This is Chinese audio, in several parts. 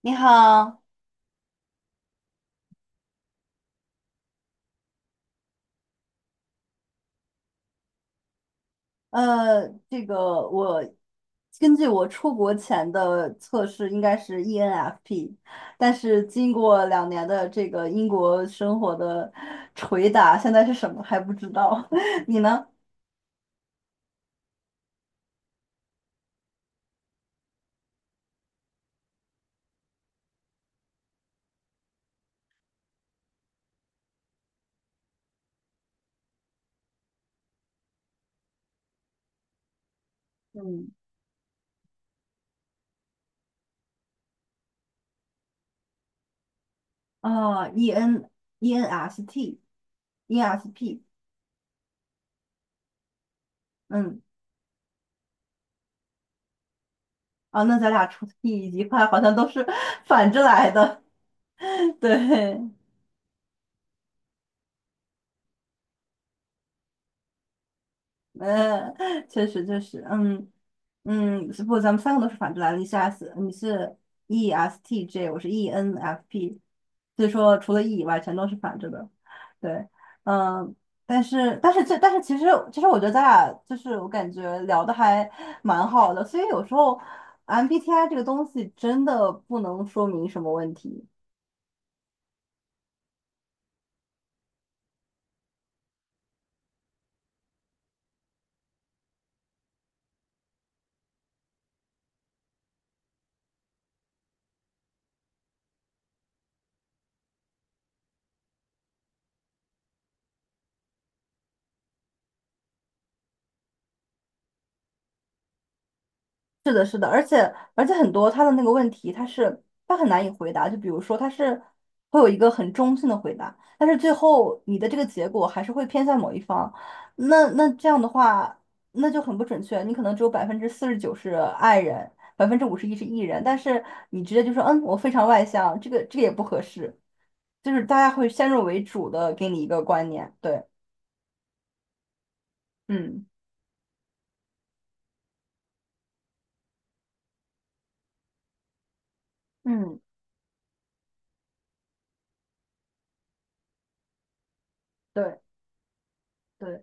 你好。这个我根据我出国前的测试应该是 ENFP，但是经过2年的这个英国生活的捶打，现在是什么还不知道。你呢？嗯。啊 e n ENST，ENSP。嗯。啊，那咱俩出 T 以及快好像都是 反着来的。对。呃，确实确实，嗯嗯。是不，咱们3个都是反着来的，你是 S，你是 ESTJ，我是 ENFP，所以说除了 E 以外，全都是反着的。对。嗯。但是其实我觉得咱俩就是我感觉聊的还蛮好的，所以有时候 MBTI 这个东西真的不能说明什么问题。是的，是的，而且很多他的那个问题，他很难以回答。就比如说，他是会有一个很中性的回答，但是最后你的这个结果还是会偏向某一方。那这样的话，那就很不准确。你可能只有49%是爱人，51%是 E 人，但是你直接就说嗯，我非常外向，这个也不合适。就是大家会先入为主的给你一个观念。对，嗯嗯，对对，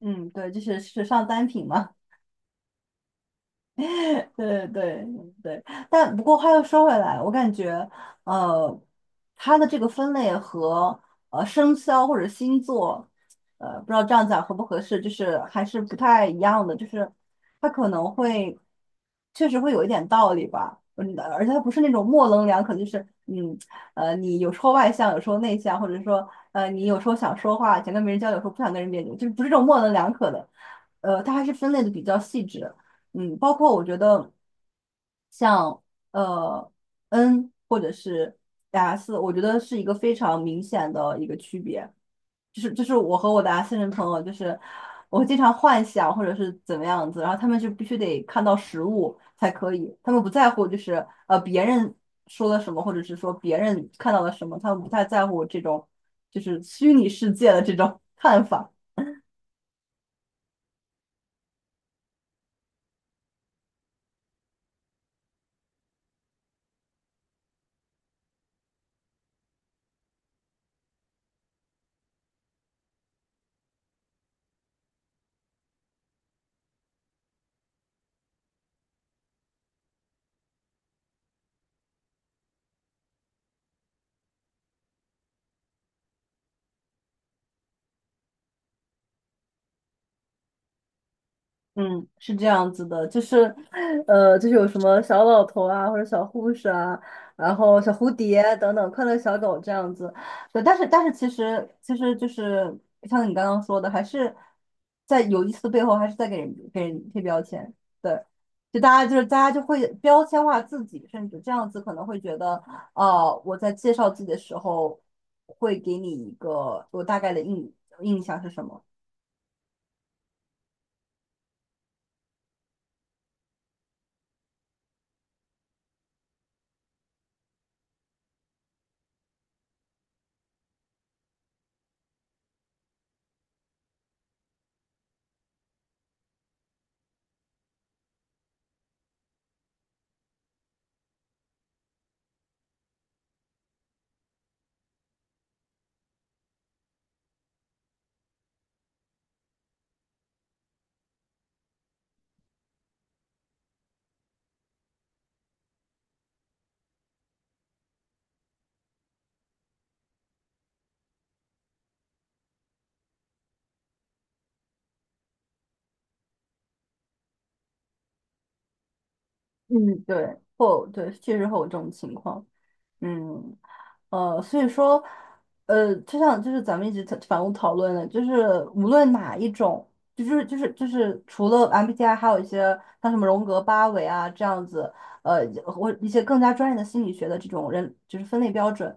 嗯对，就是时尚单品嘛。对对对。但不过话又说回来，我感觉，呃，它的这个分类和生肖或者星座，不知道这样讲合不合适，就是还是不太一样的，就是它可能会确实会有一点道理吧。嗯，而且它不是那种模棱两可，就是嗯，你有时候外向，有时候内向，或者说你有时候想说话，想跟别人交流，有时候不想跟人交流，就是不是这种模棱两可的。它还是分类的比较细致。嗯，包括我觉得像呃 N 或者是 S,我觉得是一个非常明显的一个区别，就是我和我的 S 人朋友，就是我经常幻想或者是怎么样子，然后他们就必须得看到实物才可以，他们不在乎就是别人说了什么，或者是说别人看到了什么，他们不太在乎这种就是虚拟世界的这种 看法。嗯，是这样子的，就是有什么小老头啊，或者小护士啊，然后小蝴蝶等等，快乐小狗这样子。对，但是其实就是像你刚刚说的，还是在有意思的背后，还是在给人贴标签。对，就大家就是大家就会标签化自己，甚至这样子可能会觉得，哦，我在介绍自己的时候会给你一个我大概的印象是什么。嗯，对，会有对，确实会有这种情况。嗯。所以说，就像就是咱们一直在反复讨论的，就是无论哪一种，就是除了 MBTI,还有一些像什么荣格八维啊这样子，或一些更加专业的心理学的这种人就是分类标准，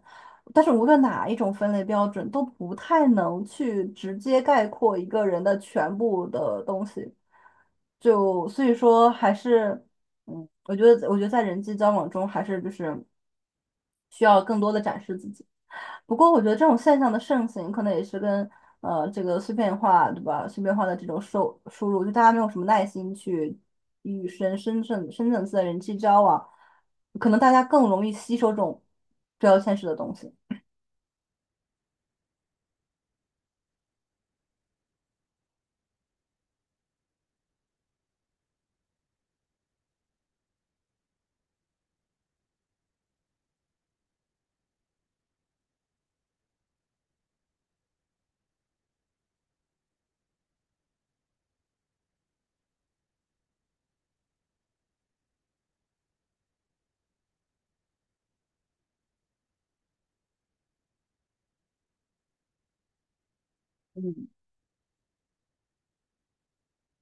但是无论哪一种分类标准都不太能去直接概括一个人的全部的东西，就所以说还是我觉得在人际交往中还是就是需要更多的展示自己。不过，我觉得这种现象的盛行，可能也是跟这个碎片化，对吧？碎片化的这种收输入，就大家没有什么耐心去与深层次的人际交往，可能大家更容易吸收这种标签式的东西。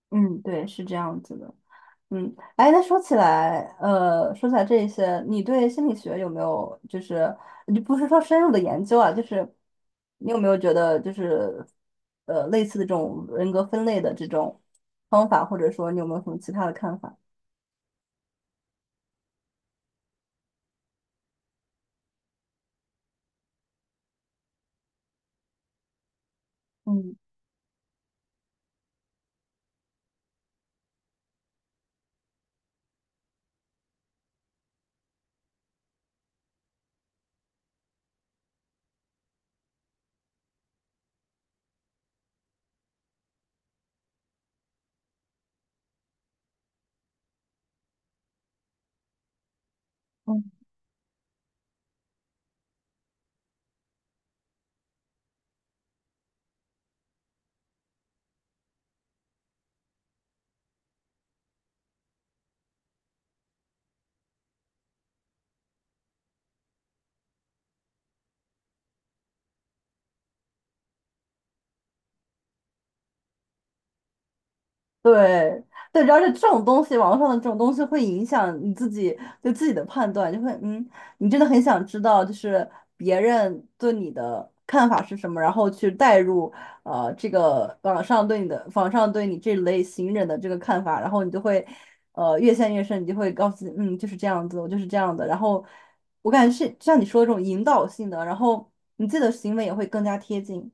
嗯，对，是这样子的。嗯，哎，那说起来这些，你对心理学有没有就是你不是说深入的研究啊，就是你有没有觉得就是类似的这种人格分类的这种方法，或者说你有没有什么其他的看法？嗯对对，主要是这种东西，网络上的这种东西会影响你自己对自己的判断，就会你真的很想知道，就是别人对你的看法是什么，然后去带入网上对你这类型人的这个看法，然后你就会越陷越深，你就会告诉自己就是这样子，我就是这样的，然后我感觉是像你说的这种引导性的，然后你自己的行为也会更加贴近。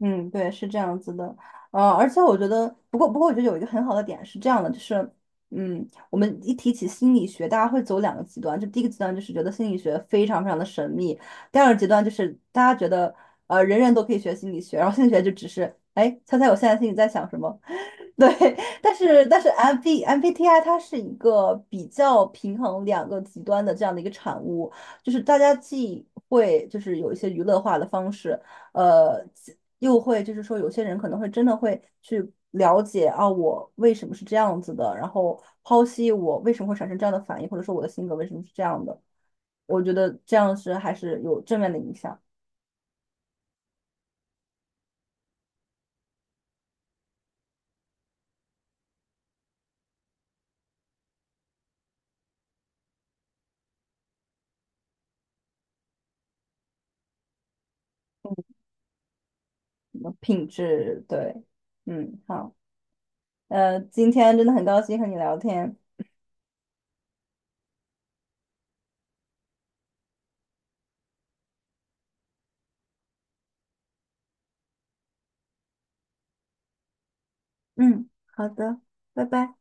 嗯，对，是这样子的。而且我觉得，不过，我觉得有一个很好的点是这样的，就是，嗯，我们一提起心理学，大家会走两个极端，就第一个极端就是觉得心理学非常非常的神秘，第二个极端就是大家觉得，人人都可以学心理学，然后心理学就只是，哎，猜猜我现在心里在想什么。对。但是 MBTI 它是一个比较平衡两个极端的这样的一个产物，就是大家既会就是有一些娱乐化的方式，呃，又会就是说有些人可能会真的会去了解啊，我为什么是这样子的，然后剖析我为什么会产生这样的反应，或者说我的性格为什么是这样的，我觉得这样是还是有正面的影响。品质，对。嗯，好。今天真的很高兴和你聊天。嗯，好的，拜拜。